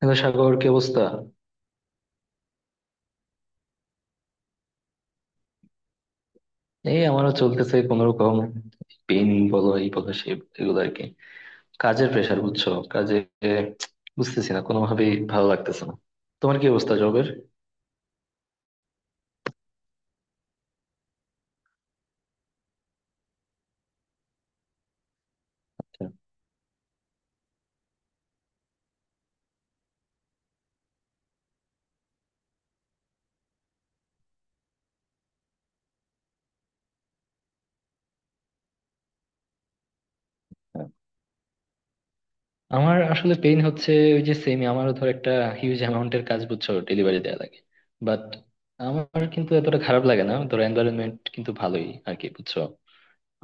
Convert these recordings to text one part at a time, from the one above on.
Hello Sagar, কি অবস্থা? এই, আমারও চলতেছে কোন রকম। পেন। বলো, এই বলো সে, এগুলো আর কি। কাজের প্রেশার বুঝছো কাজে। বুঝতেছি না, কোনোভাবেই ভালো লাগতেছে না। তোমার কি অবস্থা জবের? আমার আসলে পেইন হচ্ছে, ওই যে সেম আমারও, ধর একটা হিউজ অ্যামাউন্টের কাজ, বুঝছো, ডেলিভারি দেওয়া লাগে। বাট আমার কিন্তু এতটা খারাপ লাগে না, ধর এনভায়রনমেন্ট কিন্তু ভালোই আর কি, বুঝছো।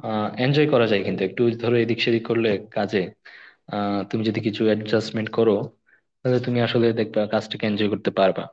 এনজয় করা যায়, কিন্তু একটু ধরো এদিক সেদিক করলে কাজে। তুমি যদি কিছু অ্যাডজাস্টমেন্ট করো, তাহলে তুমি আসলে দেখবা কাজটাকে এনজয় করতে পারবা।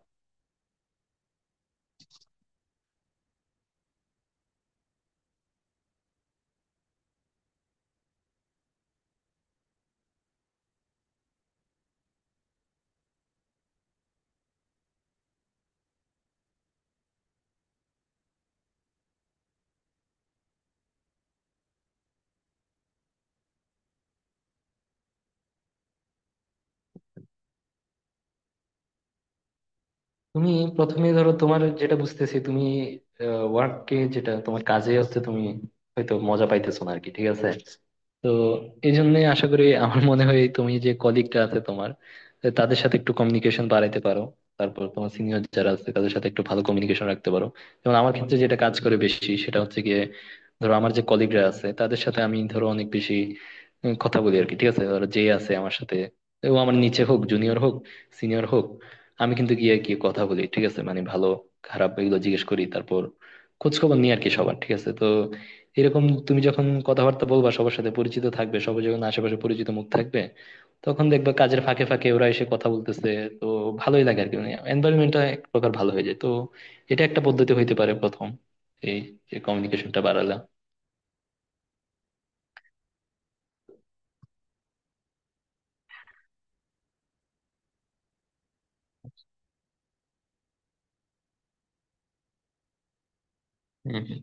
তুমি প্রথমে ধরো তোমার যেটা বুঝতেছি, তুমি ওয়ার্ককে, যেটা তোমার কাজে হচ্ছে, তুমি হয়তো মজা পাইতেছো না আর কি, ঠিক আছে। তো এই জন্য আশা করি, আমার মনে হয় তুমি যে কলিগটা আছে তোমার, তাদের সাথে একটু কমিউনিকেশন বাড়াইতে পারো। তারপর তোমার সিনিয়র যারা আছে, তাদের সাথে একটু ভালো কমিউনিকেশন রাখতে পারো। যেমন আমার ক্ষেত্রে যেটা কাজ করে বেশি, সেটা হচ্ছে গিয়ে, ধরো আমার যে কলিগরা আছে তাদের সাথে আমি ধরো অনেক বেশি কথা বলি আর কি। ঠিক আছে, ধরো যে আছে আমার সাথে, ও আমার নিচে হোক, জুনিয়র হোক, সিনিয়র হোক, আমি কিন্তু গিয়ে আর কি কথা বলি। ঠিক আছে, মানে ভালো খারাপ এগুলো জিজ্ঞেস করি, তারপর খোঁজ খবর নিই আর কি সবার, ঠিক আছে তো। এরকম তুমি যখন কথাবার্তা বলবা সবার সাথে, পরিচিত থাকবে সবার, যখন আশেপাশে পরিচিত মুখ থাকবে, তখন দেখবা কাজের ফাঁকে ফাঁকে ওরা এসে কথা বলতেছে। তো ভালোই লাগে আর কি, মানে এনভায়রনমেন্টটা এক প্রকার ভালো হয়ে যায়। তো এটা একটা পদ্ধতি হইতে পারে প্রথম, এই যে কমিউনিকেশনটা বাড়ালাম। হ্যাঁ হ্যাঁ।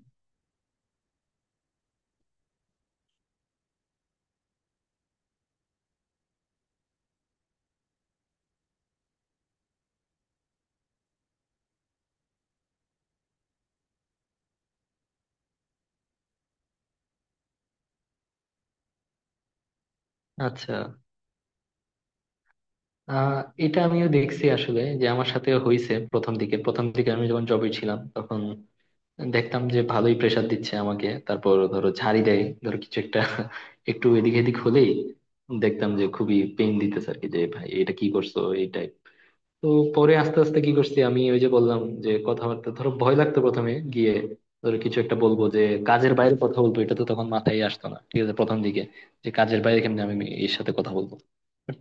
আচ্ছা। আহ এটা আমিও দেখছি আসলে, যে আমার সাথে হয়েছে। প্রথম দিকে আমি যখন জবে ছিলাম তখন দেখতাম যে ভালোই প্রেসার দিচ্ছে আমাকে, তারপর ধরো ঝাড়ি দেয়, ধরো কিছু একটা একটু এদিক এদিক হলেই দেখতাম যে খুবই পেন দিতেছে আর কি, যে ভাই এটা কি করছো, এই টাইপ। তো পরে আস্তে আস্তে কি করছি আমি, ওই যে বললাম, যে কথাবার্তা, ধরো ভয় লাগতো প্রথমে গিয়ে, ধরো কিছু একটা বলবো, যে কাজের বাইরে কথা বলবো, এটা তো তখন মাথায় আসতো না। ঠিক আছে, প্রথম দিকে যে কাজের বাইরে কেমনি আমি এর সাথে কথা বলবো।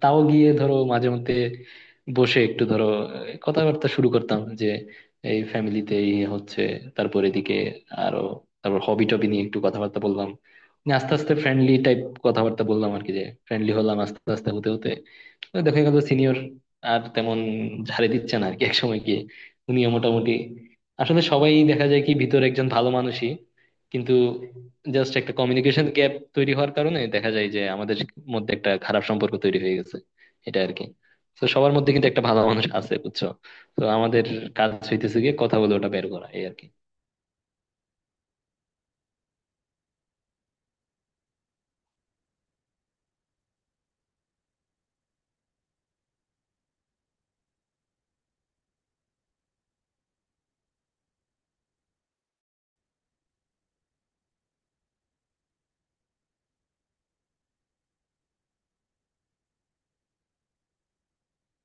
তাও গিয়ে ধরো মাঝে মধ্যে বসে একটু ধরো কথাবার্তা শুরু করতাম, যে এই ফ্যামিলিতে এই হচ্ছে, তারপর এদিকে আরো, তারপর হবি টবি নিয়ে একটু কথাবার্তা বললাম, নিয়ে আস্তে আস্তে ফ্রেন্ডলি টাইপ কথাবার্তা বললাম আর কি, যে ফ্রেন্ডলি হলাম আস্তে আস্তে, হতে হতে। তো দেখা গেল সিনিয়র আর তেমন ঝাড়ে দিচ্ছে না আর কি, একসময় গিয়ে উনিও মোটামুটি আসলে, সবাই দেখা যায় কি ভিতরে একজন ভালো মানুষই, কিন্তু জাস্ট একটা কমিউনিকেশন গ্যাপ তৈরি হওয়ার কারণে দেখা যায় যে আমাদের মধ্যে একটা খারাপ সম্পর্ক তৈরি হয়ে গেছে, এটা আর কি। তো সবার মধ্যে কিন্তু একটা ভালো মানুষ আছে, বুঝছো। তো আমাদের কাজ হইতেছে গিয়ে কথা বলে ওটা বের করা, এই আর কি।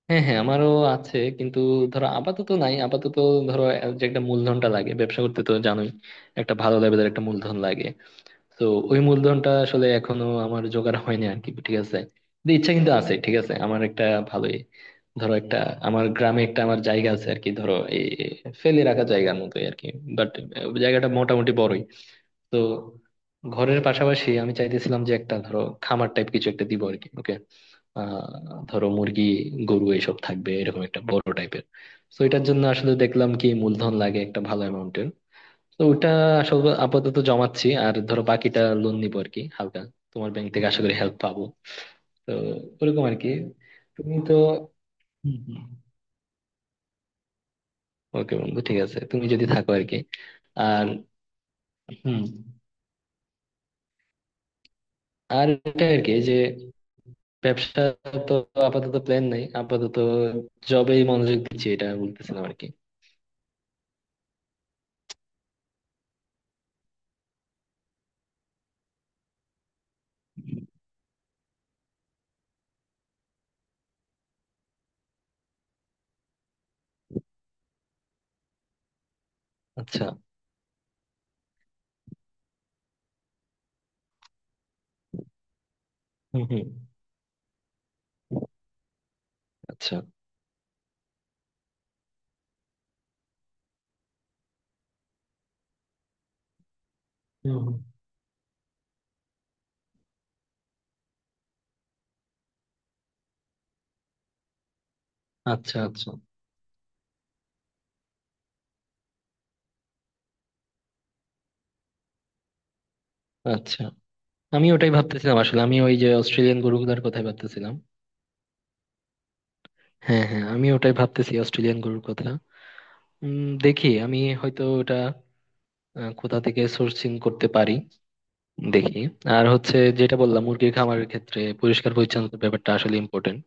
হ্যাঁ হ্যাঁ, আমারও আছে, কিন্তু ধরো আপাতত নাই। আপাতত ধরো, যে একটা মূলধনটা লাগে ব্যবসা করতে তো জানোই, একটা ভালো লেভেলের একটা মূলধন লাগে। তো ওই মূলধনটা আসলে এখনো আমার জোগাড় হয়নি আর কি, ঠিক আছে। কিন্তু ইচ্ছা কিন্তু আছে, ঠিক আছে, আমার একটা ভালোই ধরো একটা, আমার গ্রামে একটা আমার জায়গা আছে আর কি, ধরো এই ফেলে রাখা জায়গার মতোই আর কি। বাট জায়গাটা মোটামুটি বড়ই। তো ঘরের পাশাপাশি আমি চাইতেছিলাম যে একটা ধরো খামার টাইপ কিছু একটা দিব আর কি, ওকে। ধরো মুরগি গরু এইসব থাকবে, এরকম একটা বড় টাইপের। তো এটার জন্য আসলে দেখলাম কি, মূলধন লাগে একটা ভালো অ্যামাউন্টের। তো ওটা আসলে আপাতত জমাচ্ছি, আর ধরো বাকিটা লোন নিবো আর কি হালকা, তোমার ব্যাংক থেকে আশা করি হেল্প পাবো, তো ওরকম আর কি। তুমি তো, ওকে বন্ধু, ঠিক আছে, তুমি যদি থাকো আর কি। আর হুম, আর এটা আর কি, যে ব্যবসা, তো আপাতত প্ল্যান নাই, আপাতত জবেই মনোযোগ দিচ্ছি, এটা বলতেছিলাম আর কি। আচ্ছা। হুম হুম। আচ্ছা। হুম হুম। আচ্ছা আচ্ছা। আচ্ছা, আমি ওটাই ভাবতেছিলাম আসলে, আমি ওই যে অস্ট্রেলিয়ান গরুগুলার কথাই ভাবতেছিলাম। হ্যাঁ হ্যাঁ, আমি ওটাই ভাবতেছি অস্ট্রেলিয়ান গরুর কথা। দেখি আমি হয়তো ওটা কোথা থেকে সোর্সিং করতে পারি, দেখি। আর হচ্ছে, যেটা বললাম, মুরগির খামারের ক্ষেত্রে পরিষ্কার পরিচ্ছন্নতার ব্যাপারটা আসলে ইম্পর্টেন্ট।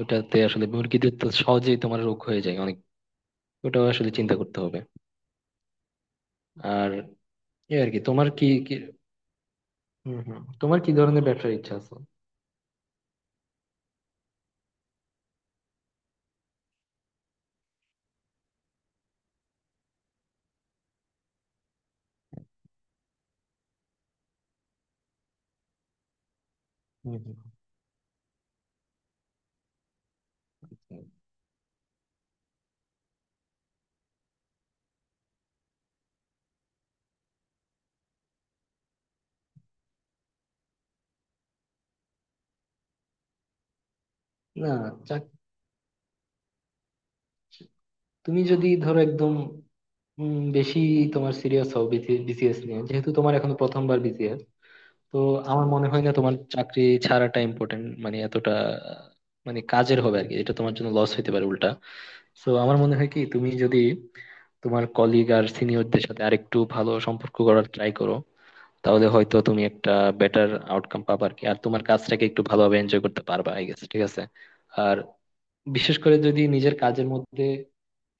ওটাতে আসলে মুরগিদের তো সহজেই তোমার রোগ হয়ে যায় অনেক, ওটাও আসলে চিন্তা করতে হবে। আর এই আর কি তোমার কি কি, হম হম, তোমার কি ধরনের ব্যবসার ইচ্ছা আছে? হুম, হুম, হুম। না, চাক- তুমি যদি ধরো একদম বেশি তোমার সিরিয়াস হও বিসিএস নিয়ে, যেহেতু তোমার এখন প্রথমবার বিসিএস, তো আমার মনে হয় না তোমার চাকরি ছাড়াটা ইম্পর্টেন্ট, মানে এতটা আহ, মানে কাজের হবে আর কি, এটা তোমার জন্য লস হতে পারে উল্টা। তো আমার মনে হয় কি, তুমি যদি তোমার কলিগ আর সিনিয়রদের সাথে আরেকটু ভালো সম্পর্ক করার ট্রাই করো, তাহলে হয়তো তুমি একটা বেটার আউটকাম পাবা আর কি, আর তোমার কাজটাকে একটু ভালোভাবে এনজয় করতে পারবা, আই গেস, ঠিক আছে। আর বিশেষ করে যদি নিজের কাজের মধ্যে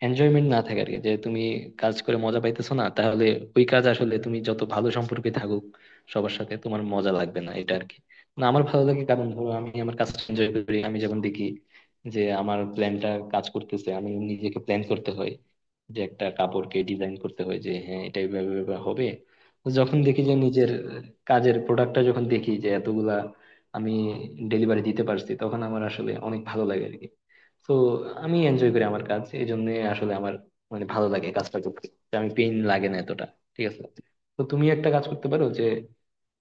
এনজয়মেন্ট না থাকে আর কি, যে তুমি কাজ করে মজা পাইতেছো না, তাহলে ওই কাজ আসলে, তুমি যত ভালো সম্পর্কে থাকুক সবার সাথে, তোমার মজা লাগবে না, এটা আর কি। না, আমার ভালো লাগে, কারণ ধরো আমি আমার কাজটা এনজয় করি, আমি যখন দেখি যে আমার প্ল্যানটা কাজ করতেছে, আমি নিজেকে প্ল্যান করতে হয়, যে একটা কাপড়কে ডিজাইন করতে হয়, যে হ্যাঁ এটা এইভাবে এইভাবে হবে। তো যখন দেখি যে নিজের কাজের প্রোডাক্টটা, যখন দেখি যে এতগুলা আমি ডেলিভারি দিতে পারছি, তখন আমার আসলে অনেক ভালো লাগে আর কি। তো আমি এনজয় করি আমার কাজ, এই জন্য আসলে আমার মানে ভালো লাগে কাজটা করতে, যে আমি পেইন লাগে না এতটা, ঠিক আছে। তো তুমি একটা কাজ করতে পারো, যে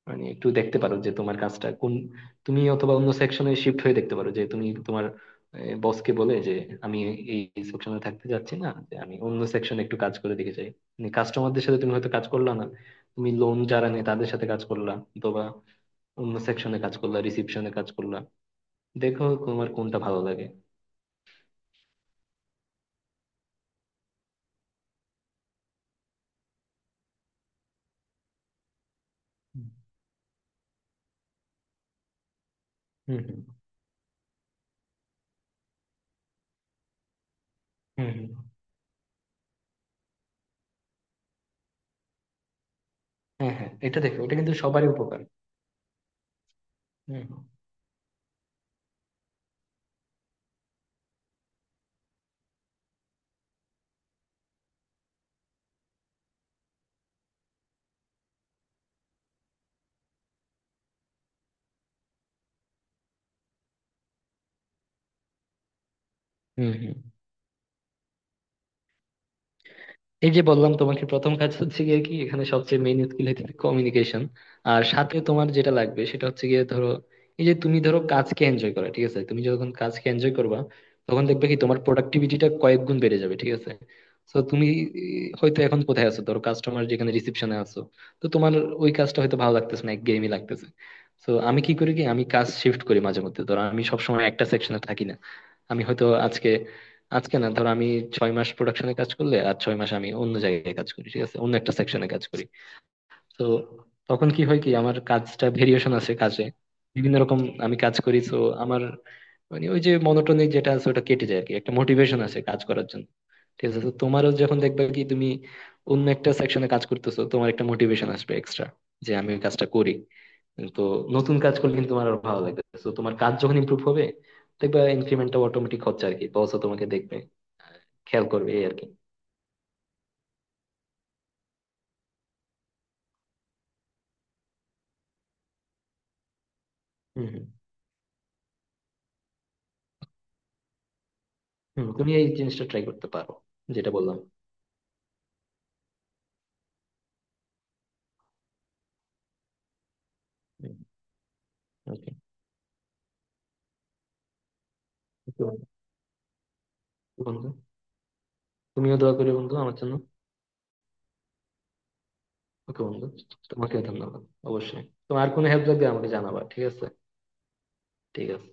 মানে একটু দেখতে পারো যে তোমার কাজটা কোন, তুমি অথবা অন্য সেকশনে শিফট হয়ে দেখতে পারো, যে তুমি তোমার বসকে বলে, যে আমি এই সেকশনে থাকতে যাচ্ছি না, যে আমি অন্য সেকশনে একটু কাজ করে দেখে চাই। মানে কাস্টমারদের সাথে তুমি হয়তো কাজ করলা না, তুমি লোন যারা নেয় তাদের সাথে কাজ করলা, অথবা অন্য সেকশনে কাজ করলা, রিসিপশনে কাজ করলা, দেখো তোমার কোনটা ভালো লাগে। হুম হুম। হুম হুম। হ্যাঁ হ্যাঁ, এটা দেখো, এটা কিন্তু সবারই উপকার। হুম হুম। হুম হুম। এই যে বললাম তোমাকে, প্রথম কাজ হচ্ছে গিয়ে কি, এখানে সবচেয়ে মেইন স্কিল হচ্ছে কমিউনিকেশন, আর সাথে তোমার যেটা লাগবে, সেটা হচ্ছে গিয়ে ধরো এই যে তুমি ধরো কাজকে এনজয় করা। ঠিক আছে, তুমি যখন কাজকে এনজয় করবা, তখন দেখবে কি তোমার প্রোডাক্টিভিটিটা কয়েক গুণ বেড়ে যাবে, ঠিক আছে। তো তুমি হয়তো এখন কোথায় আছো, ধরো কাস্টমার যেখানে, রিসেপশনে আছো, তো তোমার ওই কাজটা হয়তো ভালো লাগতেছে না, একঘেয়েমি লাগতেছে। তো আমি কি করি কি, আমি কাজ শিফট করি মাঝে মধ্যে, ধরো আমি সবসময় একটা সেকশনে থাকি না, আমি হয়তো আজকে, আজকে না, ধরো আমি ছয় মাস প্রোডাকশনে কাজ করলে আর ছয় মাস আমি অন্য জায়গায় কাজ করি, ঠিক আছে, অন্য একটা সেকশনে কাজ করি। তো তখন কি হয় কি, আমার কাজটা ভেরিয়েশন আছে কাজে, বিভিন্ন রকম আমি কাজ করি, তো আমার মানে ওই যে মনোটনিক যেটা আছে ওটা কেটে যায় আর কি, একটা মোটিভেশন আছে কাজ করার জন্য। ঠিক আছে, তো তোমারও যখন দেখবে কি তুমি অন্য একটা সেকশনে কাজ করতেছো, তোমার একটা মোটিভেশন আসবে এক্সট্রা, যে আমি ওই কাজটা করি। তো নতুন কাজ করলে কিন্তু তোমার আর ভালো লাগবে, তো তোমার কাজ যখন ইমপ্রুভ হবে, দেখবে ইনক্রিমেন্টটা অটোমেটিক হচ্ছে আর কি, বস তোমাকে দেখবে, আহ, খেয়াল করবে, এই আর কি। হম হম। হম, তুমি এই জিনিসটা ট্রাই করতে পারো, যেটা বললাম। ওকে বন্ধু। তুমিও দোয়া করি বন্ধু আমার জন্য। ওকে বন্ধু, তোমাকেও ধন্যবাদ। অবশ্যই, তোমার কোনো হেল্প লাগবে আমাকে জানাবা, ঠিক আছে। ঠিক আছে।